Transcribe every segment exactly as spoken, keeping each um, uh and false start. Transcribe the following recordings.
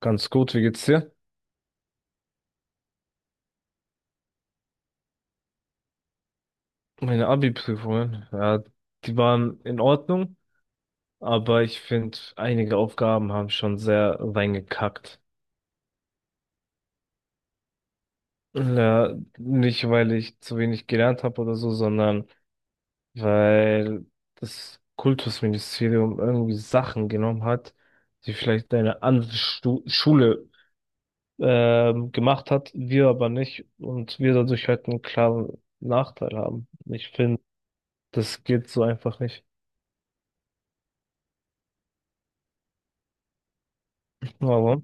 Ganz gut, wie geht's dir? Meine Abi-Prüfungen, ja, die waren in Ordnung, aber ich finde, einige Aufgaben haben schon sehr reingekackt. Ja, nicht, weil ich zu wenig gelernt habe oder so, sondern weil das Kultusministerium irgendwie Sachen genommen hat, die vielleicht eine andere Stu Schule ähm, gemacht hat, wir aber nicht und wir dadurch halt einen klaren Nachteil haben. Ich finde, das geht so einfach nicht. Aber.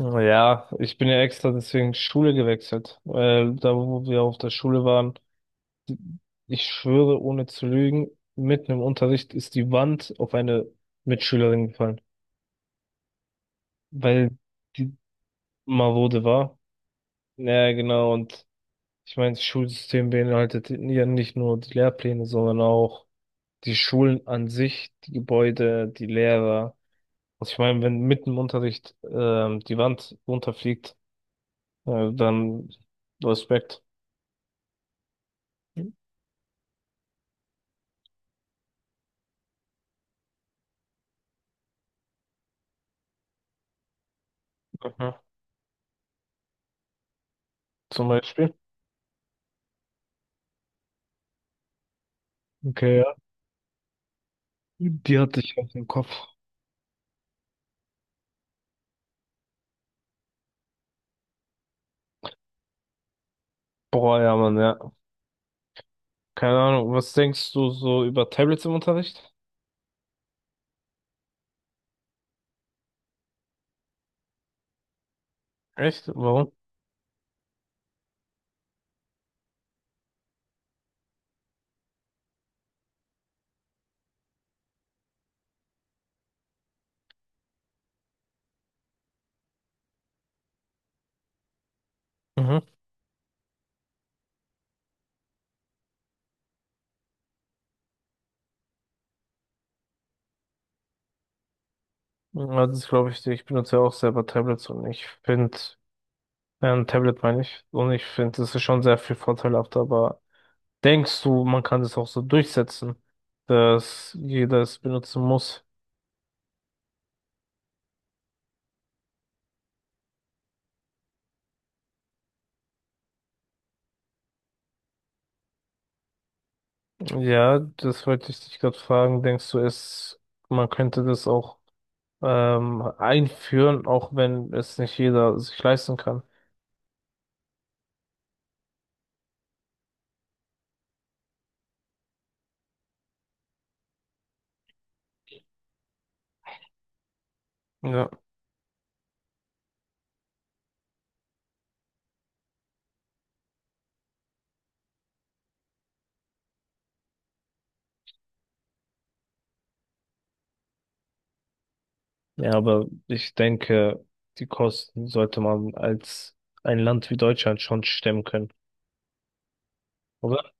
Ja, ich bin ja extra deswegen Schule gewechselt, weil da, wo wir auf der Schule waren, ich schwöre, ohne zu lügen, mitten im Unterricht ist die Wand auf eine Mitschülerin gefallen, weil die marode war. Ja, genau, und ich meine, das Schulsystem beinhaltet ja nicht nur die Lehrpläne, sondern auch die Schulen an sich, die Gebäude, die Lehrer. Also ich meine, wenn mitten im Unterricht ähm, die Wand runterfliegt, äh, dann Respekt. Mhm. Zum Beispiel. Okay, ja. Die hatte ich auf dem Kopf. Boah, ja, Mann, ja. Keine Ahnung. Was denkst du so über Tablets im Unterricht? Echt? Warum? Mhm. Ja, das glaube ich dir. Ich benutze ja auch selber Tablets und ich finde, ein Tablet meine ich, und ich finde, das ist schon sehr viel vorteilhafter, aber denkst du, man kann das auch so durchsetzen, dass jeder es benutzen muss? Ja, das wollte ich dich gerade fragen. Denkst du, es, man könnte das auch ähm, einführen, auch wenn es nicht jeder sich leisten kann. Ja. Ja, aber ich denke, die Kosten sollte man als ein Land wie Deutschland schon stemmen können, oder?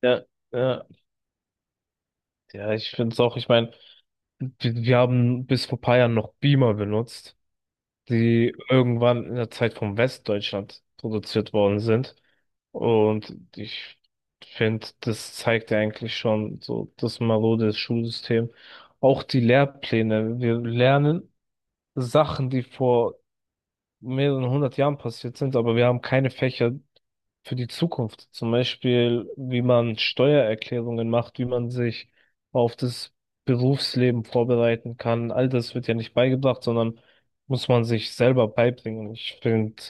Ja, ja, ja, ich finde es auch, ich meine, wir, wir haben bis vor paar Jahren noch Beamer benutzt, die irgendwann in der Zeit von Westdeutschland produziert worden sind. Und ich finde, das zeigt ja eigentlich schon so das marode Schulsystem. Auch die Lehrpläne. Wir lernen Sachen, die vor mehreren hundert Jahren passiert sind, aber wir haben keine Fächer für die Zukunft. Zum Beispiel, wie man Steuererklärungen macht, wie man sich auf das Berufsleben vorbereiten kann. All das wird ja nicht beigebracht, sondern muss man sich selber beibringen. Ich finde,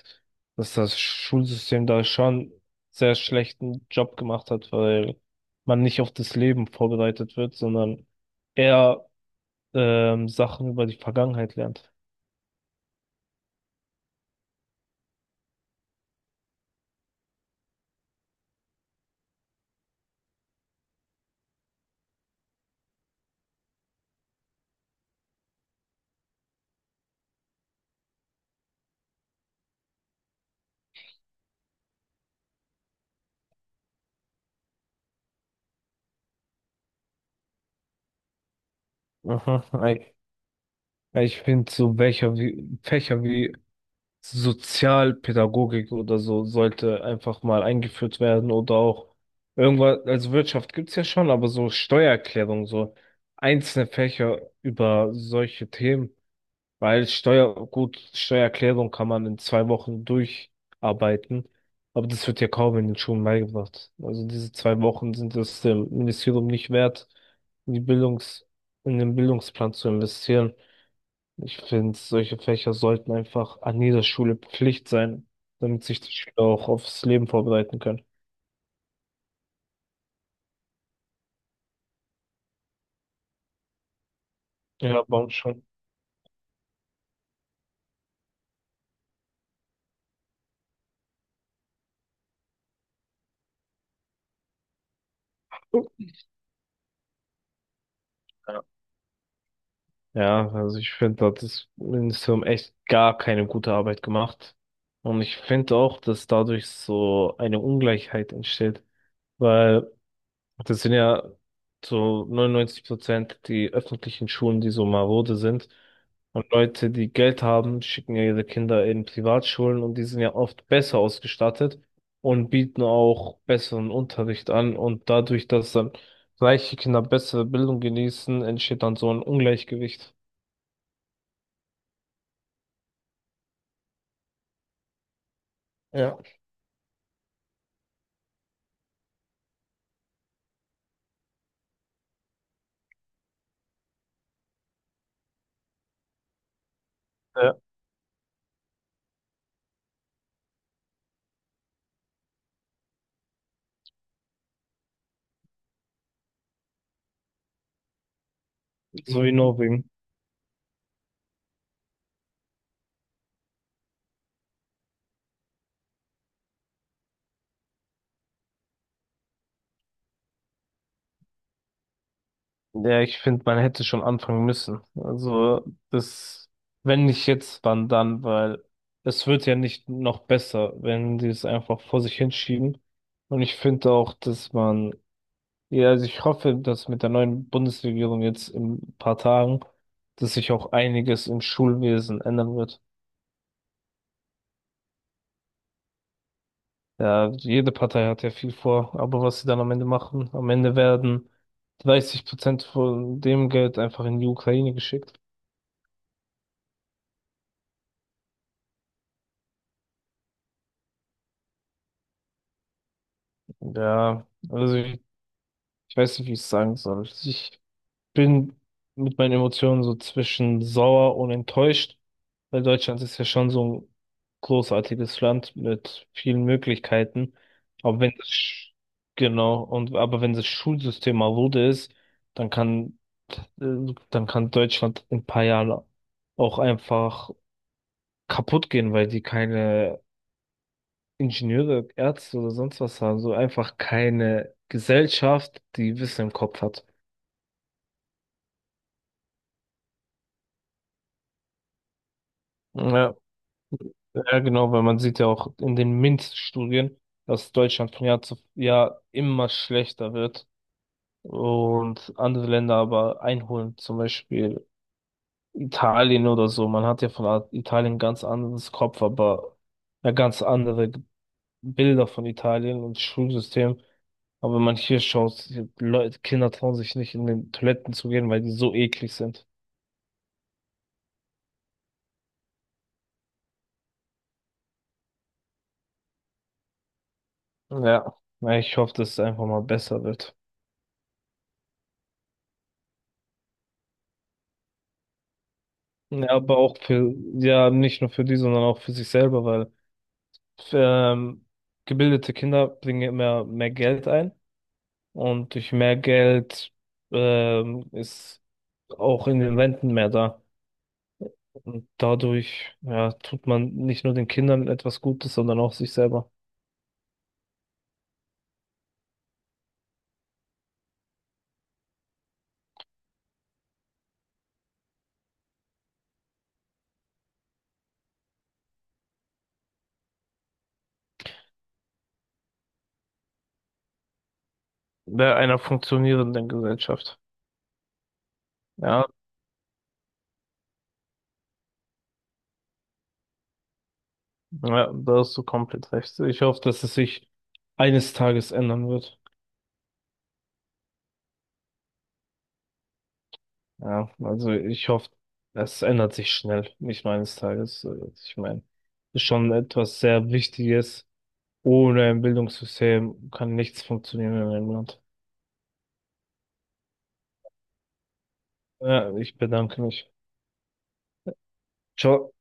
dass das Schulsystem da schon sehr schlechten Job gemacht hat, weil man nicht auf das Leben vorbereitet wird, sondern eher ähm, Sachen über die Vergangenheit lernt. Mhm. Ja, ich finde, so welcher wie, Fächer wie Sozialpädagogik oder so sollte einfach mal eingeführt werden oder auch irgendwas, also Wirtschaft gibt's ja schon, aber so Steuererklärung, so einzelne Fächer über solche Themen, weil Steuer, gut, Steuererklärung kann man in zwei Wochen durcharbeiten, aber das wird ja kaum in den Schulen beigebracht. Also diese zwei Wochen sind es dem Ministerium nicht wert, in die Bildungs, in den Bildungsplan zu investieren. Ich finde, solche Fächer sollten einfach an jeder Schule Pflicht sein, damit sich die Schüler auch aufs Leben vorbereiten können. Ja, Baum schon. Ja, ja, also ich finde, da hat das Ministerium echt gar keine gute Arbeit gemacht. Und ich finde auch, dass dadurch so eine Ungleichheit entsteht, weil Das sind ja so neunundneunzig Prozent die öffentlichen Schulen, die so marode sind. Und Leute, die Geld haben, schicken ja ihre Kinder in Privatschulen und die sind ja oft besser ausgestattet und bieten auch besseren Unterricht an. Und dadurch, dass dann reiche Kinder bessere Bildung genießen, entsteht dann so ein Ungleichgewicht. Ja. Ja. So wie Norwegen. Ja, ich finde, man hätte schon anfangen müssen. Also, das, wenn nicht jetzt, wann dann, weil es wird ja nicht noch besser, wenn die es einfach vor sich hinschieben. Und ich finde auch, dass man, ja, also ich hoffe, dass mit der neuen Bundesregierung jetzt in ein paar Tagen, dass sich auch einiges im Schulwesen ändern wird. Ja, jede Partei hat ja viel vor, aber was sie dann am Ende machen, am Ende werden dreißig Prozent von dem Geld einfach in die Ukraine geschickt. Ja, also ich weiß nicht, wie ich es sagen soll. Ich bin mit meinen Emotionen so zwischen sauer und enttäuscht, weil Deutschland ist ja schon so ein großartiges Land mit vielen Möglichkeiten. Aber wenn das, Sch- genau, und, aber wenn das Schulsystem marode ist, dann kann, äh, dann kann Deutschland in ein paar Jahren auch einfach kaputt gehen, weil die keine Ingenieure, Ärzte oder sonst was haben, so einfach keine Gesellschaft, die Wissen im Kopf hat. Ja. Ja, genau, weil man sieht ja auch in den MINT-Studien, dass Deutschland von Jahr zu Jahr immer schlechter wird und andere Länder aber einholen, zum Beispiel Italien oder so. Man hat ja von A- Italien ganz anderes Kopf, aber ja, ganz andere G- Bilder von Italien und Schulsystem. Aber wenn man hier schaut, Leute, Kinder trauen sich nicht in den Toiletten zu gehen, weil die so eklig sind. Ja, na, ich hoffe, dass es einfach mal besser wird. Ja, aber auch für, ja, nicht nur für die, sondern auch für sich selber, weil ähm, gebildete Kinder bringen immer mehr Geld ein und durch mehr Geld ähm, ist auch in den Renten mehr da. Und dadurch, ja, tut man nicht nur den Kindern etwas Gutes, sondern auch sich selber. Bei einer funktionierenden Gesellschaft. Ja, ja, da hast du komplett recht. Ich hoffe, dass es sich eines Tages ändern wird. Ja, also ich hoffe, es ändert sich schnell, nicht nur eines Tages. So, ich meine, ist schon etwas sehr Wichtiges. Ohne ein Bildungssystem kann nichts funktionieren in einem Land. Ja, ich bedanke mich. Ciao.